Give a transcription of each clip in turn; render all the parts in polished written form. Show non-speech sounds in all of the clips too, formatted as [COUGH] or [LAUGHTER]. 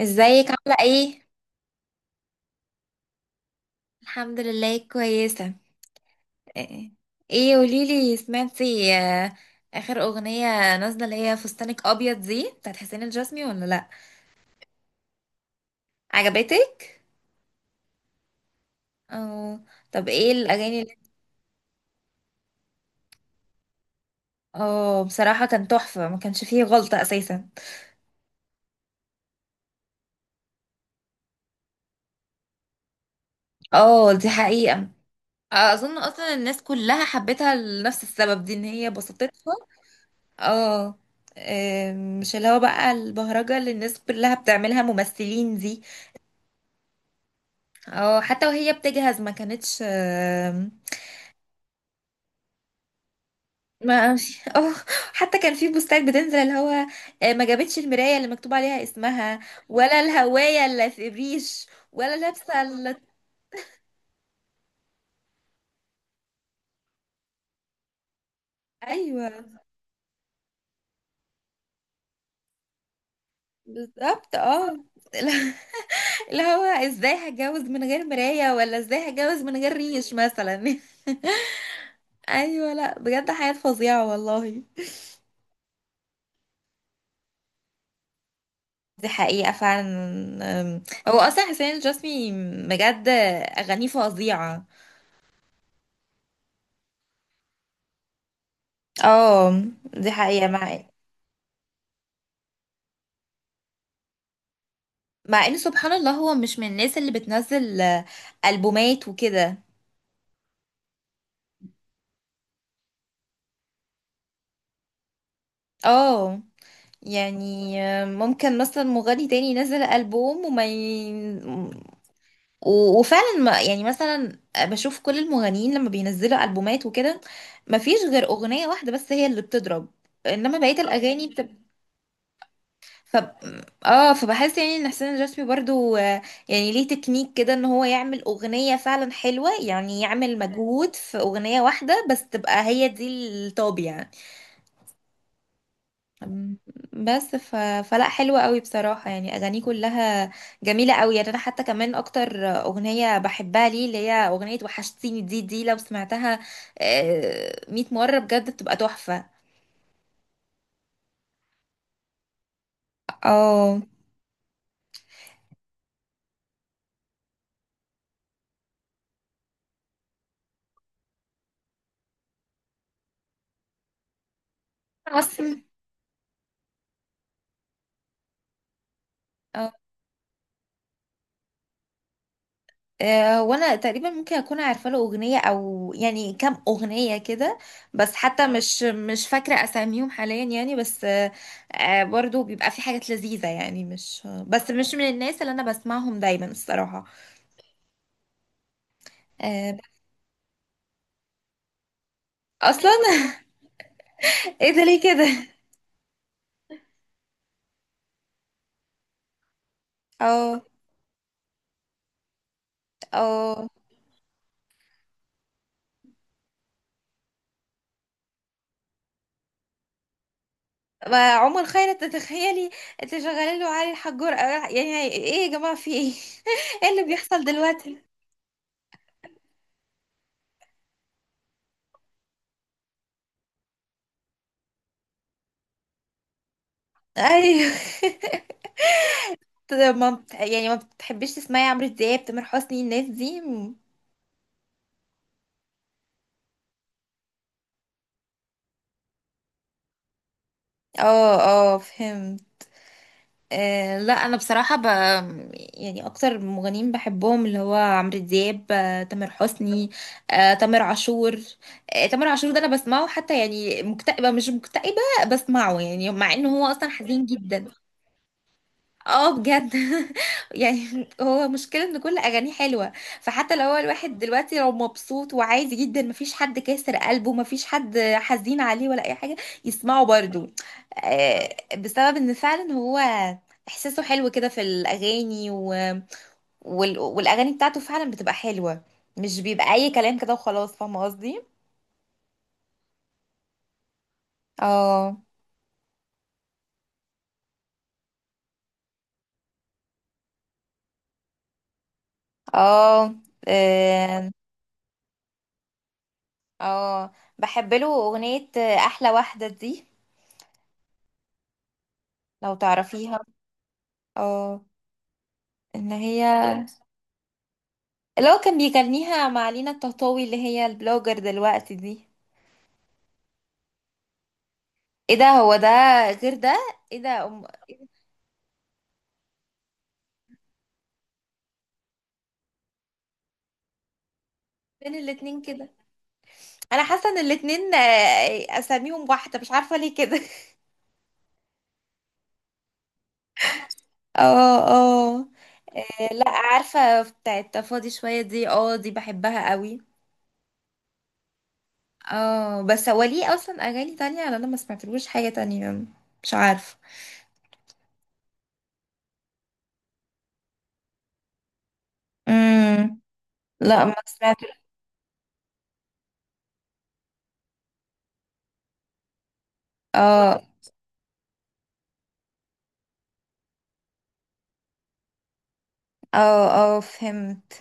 ازيك عاملة ايه؟ الحمد لله كويسة. ايه قوليلي، سمعتي اخر اغنية نازلة اللي هي فستانك ابيض دي بتاعت حسين الجسمي ولا لا؟ عجبتك؟ اه. طب ايه الاغاني اللي... اه، بصراحة كان تحفة، ما كانش فيه غلطة اساسا. اه، دي حقيقة. اظن اصلا الناس كلها حبتها لنفس السبب دي، ان هي بسطتها. اه. مش اللي هو بقى البهرجة اللي الناس كلها بتعملها ممثلين دي. اه، حتى وهي بتجهز ما كانتش ما اه، حتى كان في بوستات بتنزل اللي هو ما جابتش المراية اللي مكتوب عليها اسمها، ولا الهواية اللي في الريش، ولا لابسة ال... ايوه بالظبط اه. [LAUGHS] اللي هو ازاي هتجوز من غير مراية، ولا ازاي هتجوز من غير ريش مثلا؟ [LAUGHS] ايوه، لا بجد حياة فظيعة والله. دي حقيقة فعلا. أم، هو اصلا حسين الجسمي بجد اغانيه فظيعة. اه، دي حقيقة. مع ان سبحان الله هو مش من الناس اللي بتنزل ألبومات وكده. اه. يعني ممكن مثلا مغني تاني ينزل ألبوم وما ي... وفعلا ما يعني، مثلا بشوف كل المغنيين لما بينزلوا ألبومات وكده ما فيش غير أغنية واحدة بس هي اللي بتضرب، انما بقية الأغاني... ف اه، فبحس يعني ان حسين الجسمي برضو يعني ليه تكنيك كده، ان هو يعمل اغنية فعلا حلوة، يعني يعمل مجهود في اغنية واحدة بس تبقى هي دي الطاب يعني. أم، بس ف... فلا حلوة قوي بصراحة، يعني اغانيه كلها جميلة قوي، يعني انا حتى كمان اكتر اغنية بحبها ليه اللي هي اغنية وحشتيني دي، لو سمعتها 100 مرة بجد بتبقى تحفة. اه عاصم. وانا تقريبا ممكن اكون عارفه له اغنيه، او يعني كام اغنيه كده، بس حتى مش فاكره اساميهم حاليا، يعني بس برضو بيبقى في حاجات لذيذه، يعني مش بس، مش من الناس اللي انا بسمعهم دايما الصراحه. آه، اصلا. [LAUGHS] ايه ده ليه كده؟ اه اه. ما عمر خيرت تتخيلي؟ انت شغاله له علي الحجور يعني ايه يا جماعه؟ في ايه؟ [LAUGHS] ايه اللي بيحصل دلوقتي؟ ايوه. [LAUGHS] ما بت... يعني ما بتحبيش تسمعي عمرو دياب، تامر حسني، الناس دي م-؟ اه، اه فهمت. آه، لا انا بصراحه ب... يعني اكتر مغنيين بحبهم اللي هو عمرو دياب، تامر حسني، تامر عاشور. تامر عاشور ده انا بسمعه حتى يعني مكتئبه مش مكتئبه، بسمعه يعني مع انه هو اصلا حزين جدا. اه بجد. [LAUGHS] يعني هو مشكلة ان كل اغانيه حلوة، فحتى لو هو الواحد دلوقتي لو مبسوط وعادي جدا، مفيش حد كاسر قلبه، مفيش حد حزين عليه ولا اي حاجة، يسمعه برضو آه، بسبب ان فعلا هو احساسه حلو كده في الاغاني و... والاغاني بتاعته فعلا بتبقى حلوة، مش بيبقى اي كلام كده وخلاص، فاهمة قصدي. اه، اه، اه. آه. بحب له اغنية، احلى واحدة دي، لو تعرفيها. اه، ان هي اللي هو كان بيغنيها مع لينا الطهطاوي اللي هي البلوجر دلوقتي دي. ايه ده؟ هو ده. غير ده؟ ايه ده فين الاتنين كده؟ انا حاسه ان الاتنين اساميهم واحده، مش عارفه ليه كده. [LAUGHS] اه، اه. لا عارفه بتاعت فاضي شويه دي، اه دي بحبها قوي. اه، بس هو ليه اصلا اغاني تانية، لأن انا ما سمعتلوش حاجه تانية، مش عارفه. امم لا ما سمعت. اه، اه، اه فهمت.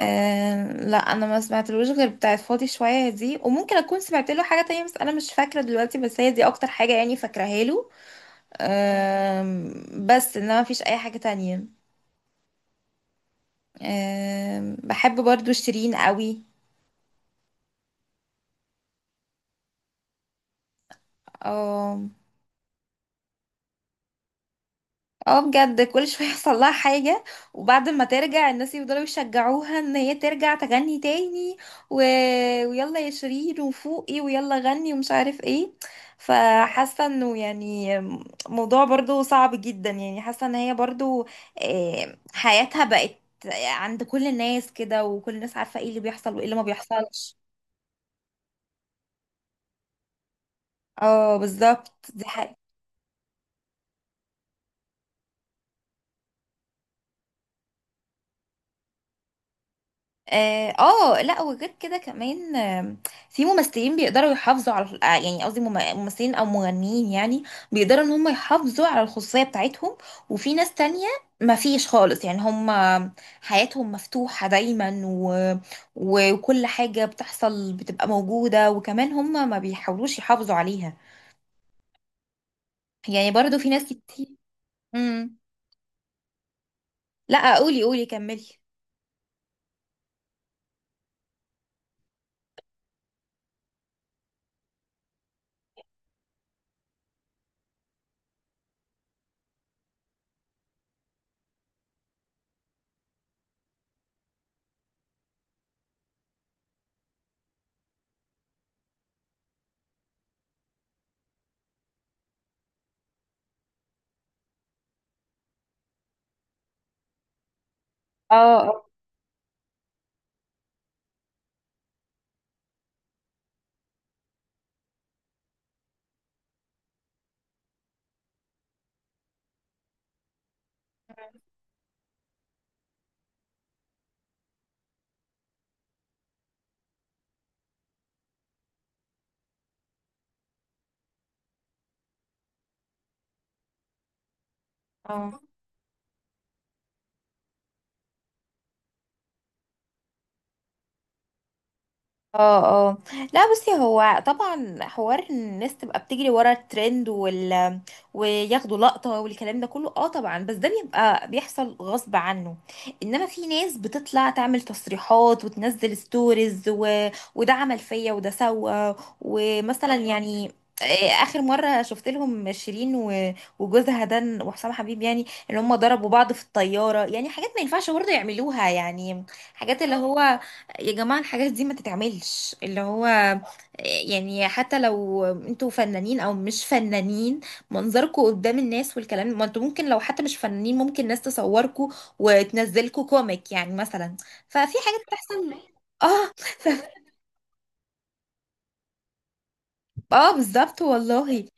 آه، لا انا ما سمعتلوش غير بتاعت فاضي شويه دي، وممكن اكون سمعت له حاجه تانية بس انا مش فاكره دلوقتي، بس هي دي اكتر حاجه يعني فاكراها له. بس انما مفيش اي حاجه تانية. بحب برضو شيرين قوي. اه بجد، كل شويه يحصل لها حاجه، وبعد ما ترجع الناس يفضلوا يشجعوها ان هي ترجع تغني تاني و... ويلا يا شيرين وفوقي، ويلا غني ومش عارف ايه. فحاسه انه يعني موضوع برضو صعب جدا، يعني حاسه ان هي برضو حياتها بقت عند كل الناس كده، وكل الناس عارفه ايه اللي بيحصل وايه اللي ما بيحصلش. اه بالظبط، دي حقيقة. اه، لا وغير كده كمان في ممثلين بيقدروا يحافظوا على يعني قصدي ممثلين او مغنيين، يعني بيقدروا ان هم يحافظوا على الخصوصية بتاعتهم، وفي ناس تانية ما فيش خالص، يعني هم حياتهم مفتوحة دايما و... وكل حاجة بتحصل بتبقى موجودة، وكمان هم ما بيحاولوش يحافظوا عليها، يعني برضو في ناس كتير. مم. لا قولي قولي كملي. اه، اه، اه، اه. لا بصي، هو طبعا حوار ان الناس تبقى بتجري ورا الترند وياخدوا لقطة والكلام ده كله، اه طبعا، بس ده بيبقى بيحصل غصب عنه، انما في ناس بتطلع تعمل تصريحات وتنزل ستوريز و... وده عمل فيا وده سوى ومثلا يعني آه، اخر مره شفت لهم شيرين وجوزها ده وحسام حبيب، يعني ان هم ضربوا بعض في الطياره، يعني حاجات ما ينفعش برضه يعملوها، يعني حاجات اللي هو، يا جماعة الحاجات دي ما تتعملش، اللي هو يعني حتى لو انتوا فنانين او مش فنانين، منظركوا قدام الناس والكلام، ما انتوا ممكن لو حتى مش فنانين ممكن ناس تصوركوا وتنزلكوا كوميك يعني مثلا، ففي حاجات بتحصل. اه ف... اه بالظبط والله.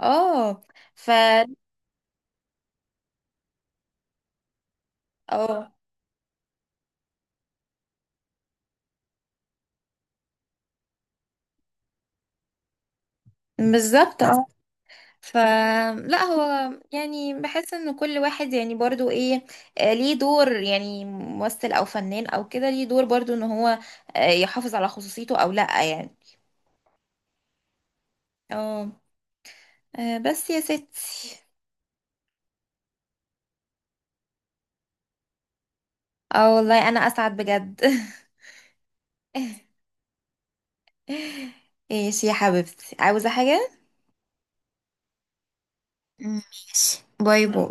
اه ف اه بالظبط. اه ف، لا هو يعني بحس ان كل واحد يعني برضو ايه، ليه دور، يعني ممثل او فنان او كده، ليه دور برضو ان هو يحافظ على خصوصيته او لا يعني. اه، بس يا ستي. اه والله انا اسعد بجد. [LAUGHS] ايش يا حبيبتي، عاوزة حاجة؟ ماشي، باي باي.